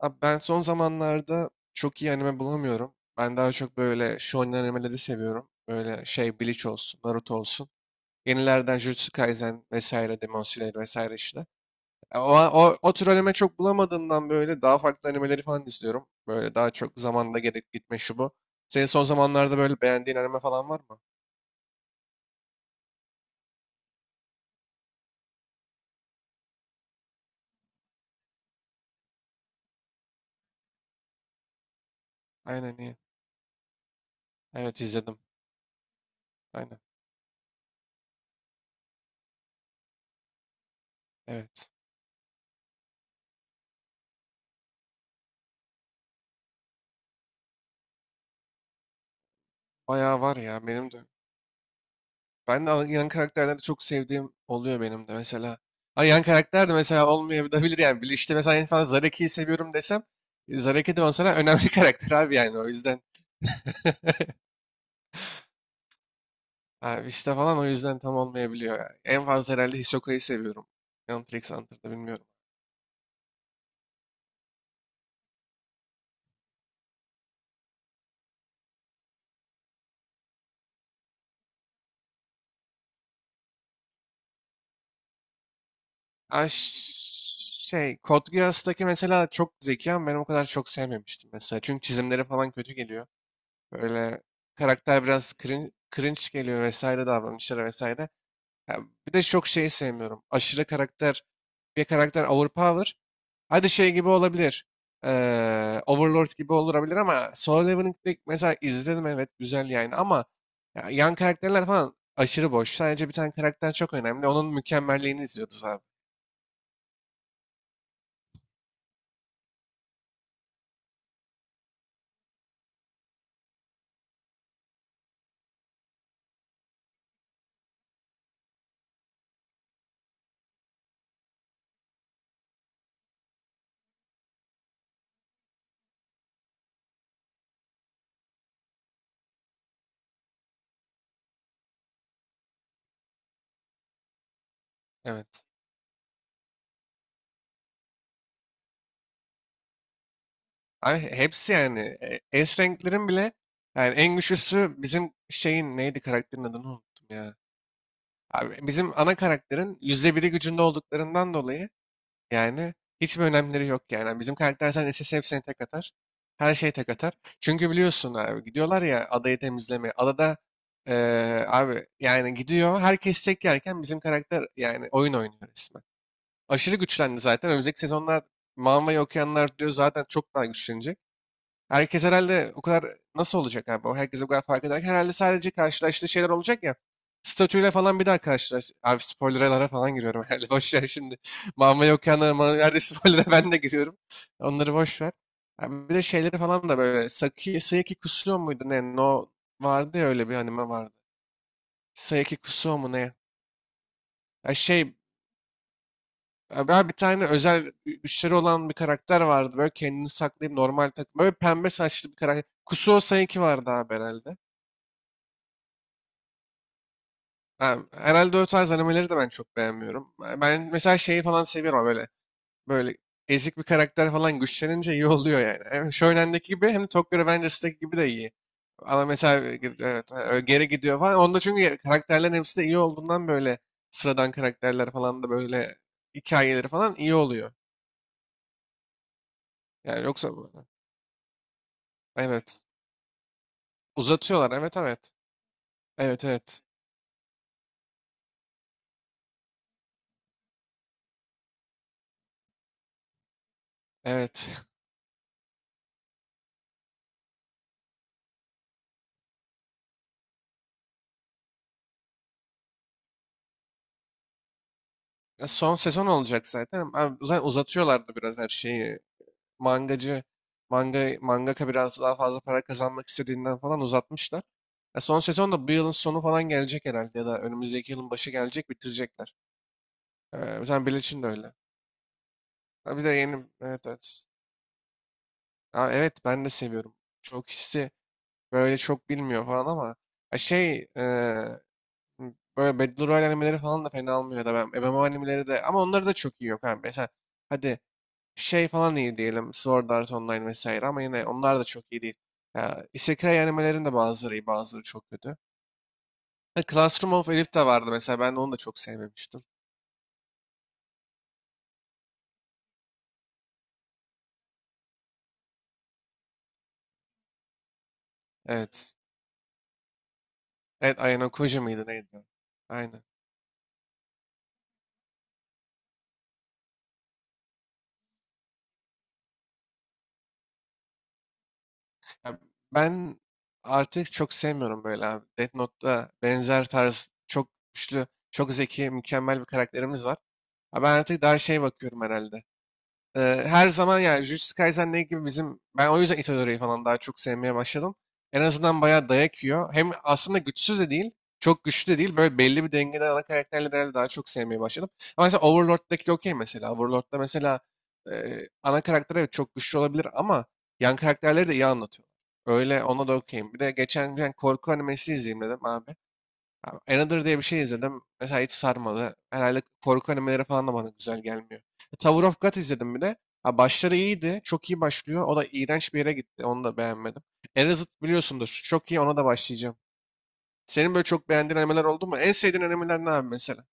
Abi ben son zamanlarda çok iyi anime bulamıyorum. Ben daha çok böyle shonen animeleri seviyorum. Böyle şey Bleach olsun, Naruto olsun. Yenilerden Jujutsu Kaisen vesaire, Demon Slayer vesaire işte. O tür anime çok bulamadığımdan böyle daha farklı animeleri falan izliyorum. Böyle daha çok zamanda gerek gitme şu bu. Senin son zamanlarda böyle beğendiğin anime falan var mı? Aynen, iyi. Evet, izledim. Aynen. Evet. Bayağı var ya benim de. Ben de yan karakterleri çok sevdiğim oluyor benim de mesela. Ha, yan karakter de mesela olmayabilir yani. Bir işte mesela en fazla Zaraki'yi seviyorum desem Zaraki de mesela önemli karakter abi yani o yüzden. Abi işte falan o yüzden tam olmayabiliyor yani. En fazla herhalde Hisoka'yı seviyorum. Hunter x Hunter'da bilmiyorum. Ha, Code Geass'taki mesela çok zeki ama ben o kadar çok sevmemiştim mesela. Çünkü çizimleri falan kötü geliyor. Böyle karakter biraz cringe geliyor vesaire davranışları vesaire. Ya bir de çok şeyi sevmiyorum. Bir karakter overpower. Hadi şey gibi olabilir. Overlord gibi olabilir ama Solo Leveling'de mesela izledim, evet güzel yani ama ya yan karakterler falan aşırı boş. Sadece bir tane karakter çok önemli. Onun mükemmelliğini izliyoruz abi. Evet. Abi hepsi yani S renklerin bile yani en güçlüsü bizim şeyin neydi karakterin adını unuttum ya. Abi bizim ana karakterin %1'i gücünde olduklarından dolayı. Yani hiçbir önemleri yok yani. Yani bizim karakter zaten SS hepsine tek atar. Her şey tek atar. Çünkü biliyorsun abi gidiyorlar ya adayı temizlemeye. Adada abi yani gidiyor herkes tek yerken bizim karakter yani oyun oynuyor resmen. Aşırı güçlendi zaten. Önümüzdeki sezonlar Manva'yı okuyanlar diyor zaten çok daha güçlenecek. Herkes herhalde o kadar nasıl olacak abi? O herkes o kadar fark ederken herhalde sadece karşılaştığı şeyler olacak ya. Statüyle falan bir daha karşılaş. Abi spoilerlara falan giriyorum herhalde. Boş ver şimdi. Mama yok nerede spoiler'a ben de giriyorum. Onları boş ver. Abi bir de şeyleri falan da böyle Saki, Sayaki Kusuo muydu ne? No, vardı ya öyle bir anime vardı. Sayaki Kusuo mu ne? Ya şey, abi bir tane özel güçleri olan bir karakter vardı. Böyle kendini saklayıp normal takım. Böyle pembe saçlı bir karakter. Kusuo Sayaki vardı abi herhalde. Ha, herhalde o tarz animeleri de ben çok beğenmiyorum. Ben mesela şeyi falan seviyorum böyle. Böyle ezik bir karakter falan güçlenince iyi oluyor yani. Hem Shonen'deki gibi hem de Tokyo Revengers'daki gibi de iyi. Ama mesela geri gidiyor falan. Onda çünkü karakterlerin hepsi de iyi olduğundan böyle sıradan karakterler falan da böyle hikayeleri falan iyi oluyor. Yani yoksa evet, uzatıyorlar, evet evet. Evet evet. Evet. Ya, son sezon olacak zaten. Abi, zaten uzatıyorlardı biraz her şeyi. Mangacı manga mangaka biraz daha fazla para kazanmak istediğinden falan uzatmışlar. Ya, son sezon da bu yılın sonu falan gelecek herhalde ya da önümüzdeki yılın başı gelecek bitirecekler. Mesela Bleach'in de öyle. Ha, bir de yeni, evet evet. Ha, evet ben de seviyorum. Çok kişisi böyle çok bilmiyor falan ama ya şey böyle Battle Royale animeleri falan da fena olmuyor da ben MMO animeleri de ama onları da çok iyi yok. Ha, mesela hadi şey falan iyi diyelim. Sword Art Online vesaire ama yine onlar da çok iyi değil. Ya, Isekai animelerin de bazıları iyi, bazıları çok kötü. Ha, Classroom of Elif de vardı mesela. Ben de onu da çok sevmemiştim. Evet. Evet, Ayano Koji mıydı neydi? Aynen. Ya, ben artık çok sevmiyorum böyle abi. Death Note'da benzer tarz çok güçlü, çok zeki, mükemmel bir karakterimiz var. Ha, ben artık daha şey bakıyorum herhalde. Ee, her zaman yani Jujutsu Kaisen ne gibi bizim ben o yüzden Itadori'yi falan daha çok sevmeye başladım. En azından bayağı dayak yiyor. Hem aslında güçsüz de değil, çok güçlü de değil. Böyle belli bir dengede ana karakterleri herhalde daha çok sevmeye başladım. Ama mesela Overlord'daki okey mesela. Overlord'da mesela ana karakter evet çok güçlü olabilir ama yan karakterleri de iyi anlatıyor. Öyle ona da okeyim. Bir de geçen gün korku animesi izleyeyim dedim abi. Abi, Another diye bir şey izledim. Mesela hiç sarmadı. Herhalde korku animeleri falan da bana güzel gelmiyor. Tower of God izledim bir de. Ha, başları iyiydi. Çok iyi başlıyor. O da iğrenç bir yere gitti. Onu da beğenmedim. Erased biliyorsundur. Çok iyi, ona da başlayacağım. Senin böyle çok beğendiğin animeler oldu mu? En sevdiğin animeler ne abi mesela?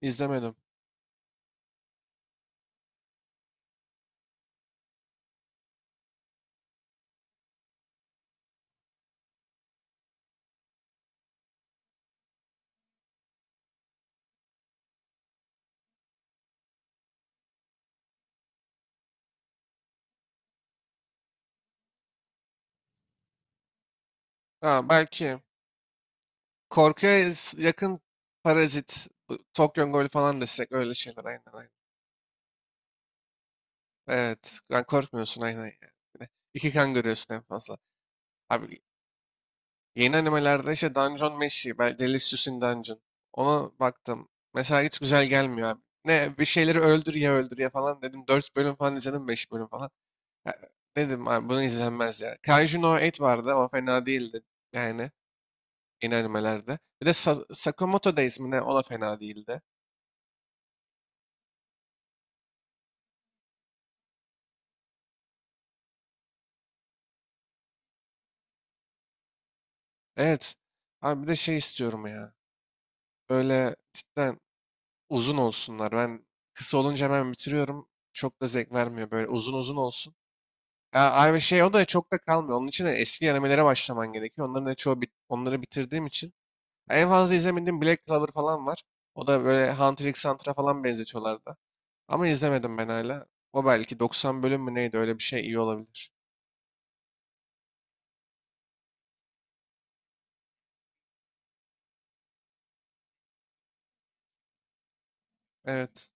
İzlemedim. Ha, belki korkuya yakın Parazit, bu Tokyo Ghoul falan desek, öyle şeyler aynen aynen. Evet. Yani korkmuyorsun aynen yani. Bir de İki kan görüyorsun en fazla. Abi, yeni animelerde işte Dungeon Meshi, ben Delicious in Dungeon. Ona baktım. Mesela hiç güzel gelmiyor abi. Ne bir şeyleri öldür ya öldür ya falan dedim. 4 bölüm falan izledim, 5 bölüm falan. Ya, dedim abi bunu izlenmez ya. Kaiju no 8 vardı, o fena değildi. Yani yeni animelerde. Bir de Sakamoto Days mi ne, o da fena değildi. Evet. Abi bir de şey istiyorum ya. Böyle cidden uzun olsunlar. Ben kısa olunca hemen bitiriyorum. Çok da zevk vermiyor. Böyle uzun uzun olsun. Ya, abi şey o da çok da kalmıyor. Onun için de eski animelere başlaman gerekiyor. Onların da çoğu onları bitirdiğim için. Ya, en fazla izlemediğim Black Clover falan var. O da böyle Hunter x Hunter'a falan benzetiyorlar da. Ama izlemedim ben hala. O belki 90 bölüm mü neydi, öyle bir şey iyi olabilir. Evet.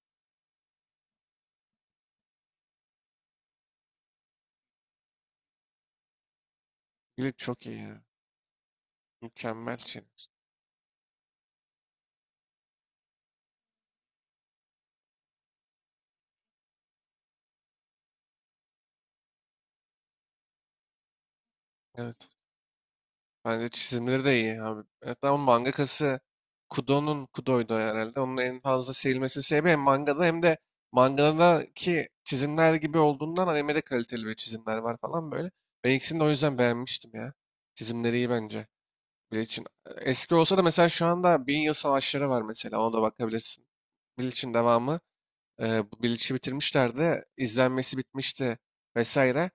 Glitch çok iyi ya. Mükemmel şey. Evet. Bence çizimleri de iyi abi. Hatta onun mangakası Kudo'ydu herhalde. Onun en fazla sevilmesi sebebi hem mangada hem de mangadaki çizimler gibi olduğundan animede kaliteli bir çizimler var falan böyle. Ben ikisini de o yüzden beğenmiştim ya. Çizimleri iyi bence. Bleach'in. Eski olsa da mesela şu anda Bin Yıl Savaşları var mesela. Ona da bakabilirsin. Bleach'in devamı. E, bu Bleach'i bitirmişlerdi. İzlenmesi bitmişti vesaire.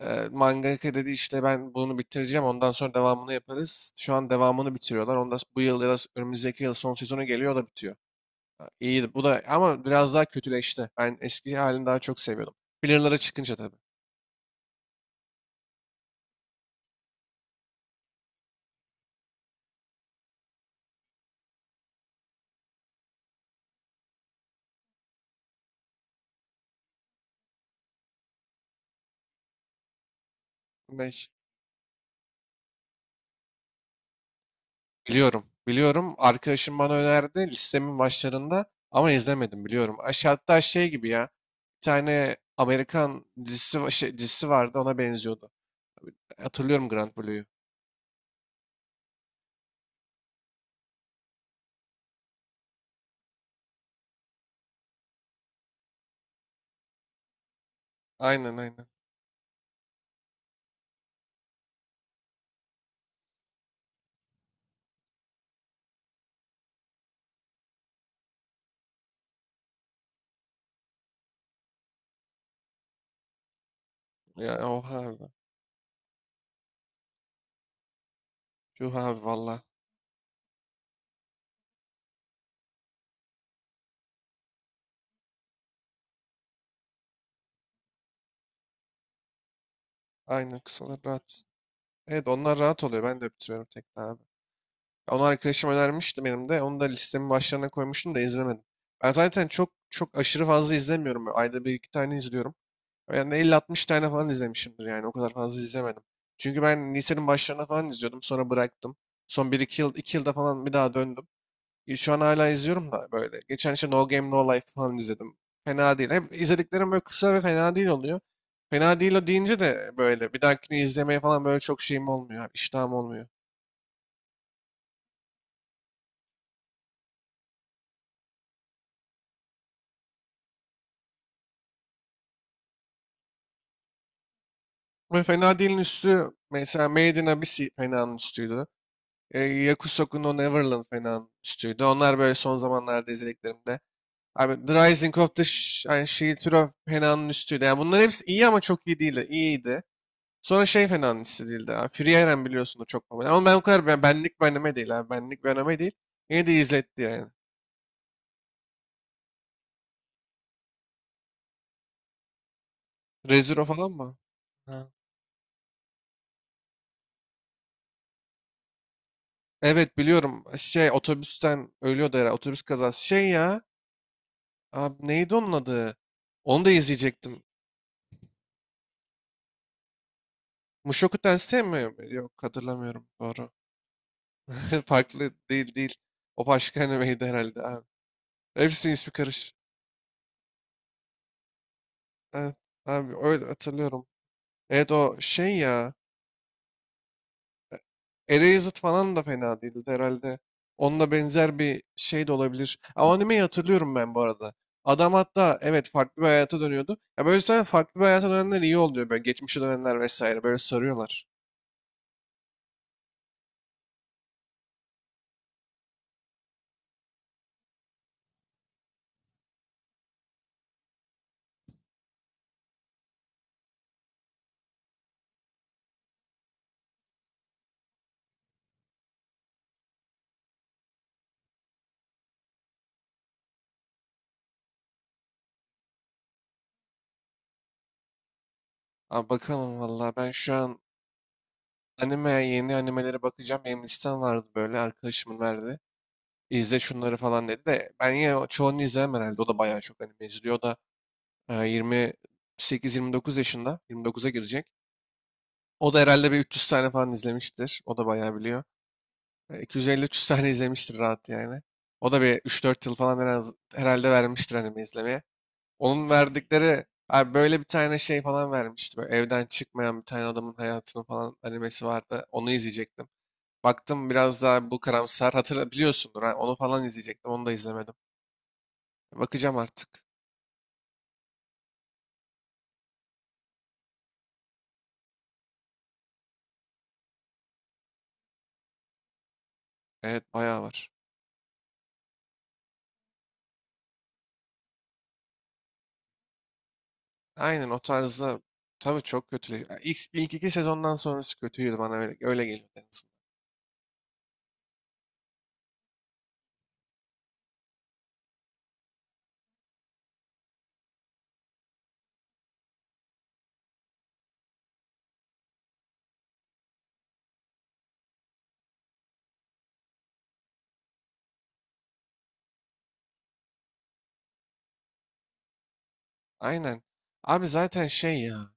Mangaka dedi işte ben bunu bitireceğim ondan sonra devamını yaparız. Şu an devamını bitiriyorlar. Ondan bu yıl ya da önümüzdeki yıl son sezonu geliyor o da bitiyor. Ha, İyi bu da ama biraz daha kötüleşti. Ben eski halini daha çok seviyordum. Filler'lara çıkınca tabii. Ne? Biliyorum. Biliyorum. Arkadaşım bana önerdi, listemin başlarında ama izlemedim, biliyorum. Aşağı hatta şey gibi ya. Bir tane Amerikan dizisi, dizisi vardı, ona benziyordu. Hatırlıyorum Grand Blue'yu. Aynen aynen. Ya oha abi. Yuh abi valla. Aynen, kısalar rahat. Evet, onlar rahat oluyor. Ben de bitiriyorum tekrar abi. Onu arkadaşım önermişti benim de. Onu da listemin başlarına koymuştum da izlemedim. Ben zaten çok çok aşırı fazla izlemiyorum. Ayda bir iki tane izliyorum. Yani 50-60 tane falan izlemişimdir yani. O kadar fazla izlemedim. Çünkü ben lisenin başlarına falan izliyordum. Sonra bıraktım. Son bir 2 yıl, iki yılda falan bir daha döndüm. Şu an hala izliyorum da böyle. Geçen işte No Game No Life falan izledim. Fena değil. Hep izlediklerim böyle kısa ve fena değil oluyor. Fena değil o deyince de böyle bir dahakini izlemeye falan böyle çok şeyim olmuyor. Yani İştahım olmuyor. Ve fena değilin üstü mesela Made in Abyss fena'nın üstüydü. Yakusoku no Neverland fena'nın üstüydü. Onlar böyle son zamanlarda izlediklerimde. Abi The Rising of the yani Shield Hero fena'nın üstüydü. Yani bunların hepsi iyi ama çok iyi değildi. İyiydi. Sonra şey fena hissedildi abi. Free Iron biliyorsun da çok popüler. Ama ben o kadar benlik bir anime değil abi. Benlik bir anime değil. Yine de izletti yani. Re:Zero falan mı? Ha. Evet biliyorum. Şey otobüsten ölüyordu herhalde. Otobüs kazası. Şey ya. Abi neydi onun adı? Onu da izleyecektim. Mushoku Tensei mi? Yok hatırlamıyorum. Doğru. Farklı, değil değil. O başka animeydi herhalde abi. Hepsinin ismi karış. Evet, abi öyle hatırlıyorum. Evet o şey ya. Erased falan da fena değildi herhalde. Onunla benzer bir şey de olabilir. Ama animeyi hatırlıyorum ben bu arada. Adam hatta evet farklı bir hayata dönüyordu. Ya böyle zaten farklı bir hayata dönenler iyi oluyor. Böyle geçmişe dönenler vesaire böyle sarıyorlar. Abi bakalım valla ben şu an yeni animelere bakacağım. Benim listem vardı böyle, arkadaşımın verdi. İzle şunları falan dedi de ben yine çoğunu izlemem herhalde. O da bayağı çok anime izliyor. O da e, 28-29 yaşında. 29'a girecek. O da herhalde bir 300 tane falan izlemiştir. O da bayağı biliyor. 250-300 tane izlemiştir rahat yani. O da bir 3-4 yıl falan herhalde vermiştir anime izlemeye. Onun verdikleri abi böyle bir tane şey falan vermişti. Böyle evden çıkmayan bir tane adamın hayatını falan animesi vardı. Onu izleyecektim. Baktım biraz daha bu karamsar. Hatırla biliyorsundur. Ha, onu falan izleyecektim. Onu da izlemedim. Bakacağım artık. Evet bayağı var. Aynen, o tarzda tabii çok kötü. İlk iki sezondan sonrası kötüydü bana öyle geliyor. Aynen. Abi zaten şey ya.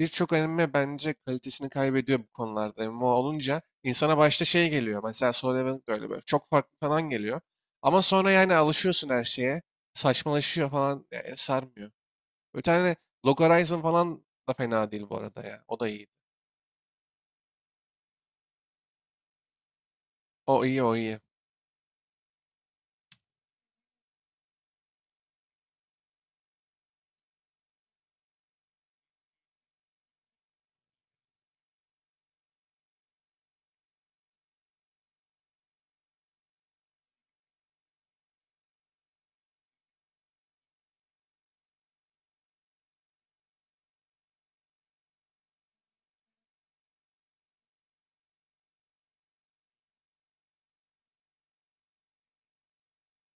Birçok anime bence kalitesini kaybediyor bu konularda. MMO olunca insana başta şey geliyor. Mesela Solo Leveling de öyle böyle. Çok farklı falan geliyor. Ama sonra yani alışıyorsun her şeye. Saçmalaşıyor falan. Yani sarmıyor. Bir tane Log Horizon falan da fena değil bu arada ya. O da iyi. O iyi o iyi.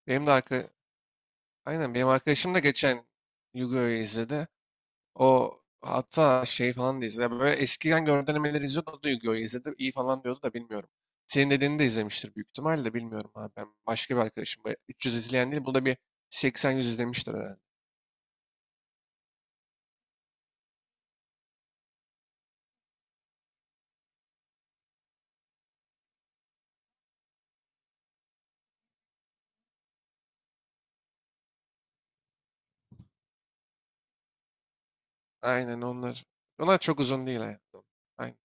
Benim de arka... Aynen benim arkadaşım da geçen Yu-Gi-Oh'yu izledi. O hatta şey falan da izledi. Böyle eskiden görüntülemeleri izliyordu. O da Yu-Gi-Oh! İzledi. İyi falan diyordu da bilmiyorum. Senin dediğini de izlemiştir büyük ihtimalle. Bilmiyorum abi. Ben başka bir arkadaşım. Böyle 300 izleyen değil. Bu da bir 80-100 izlemiştir herhalde. Aynen onlar. Onlar çok uzun değil hayatım. Aynen.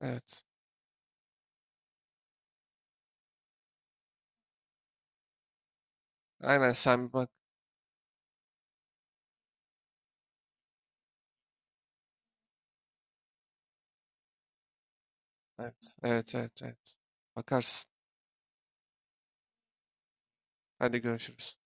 Evet. Aynen sen bir bak. Evet. Evet. Evet. Evet. Bakarsın. Hadi görüşürüz.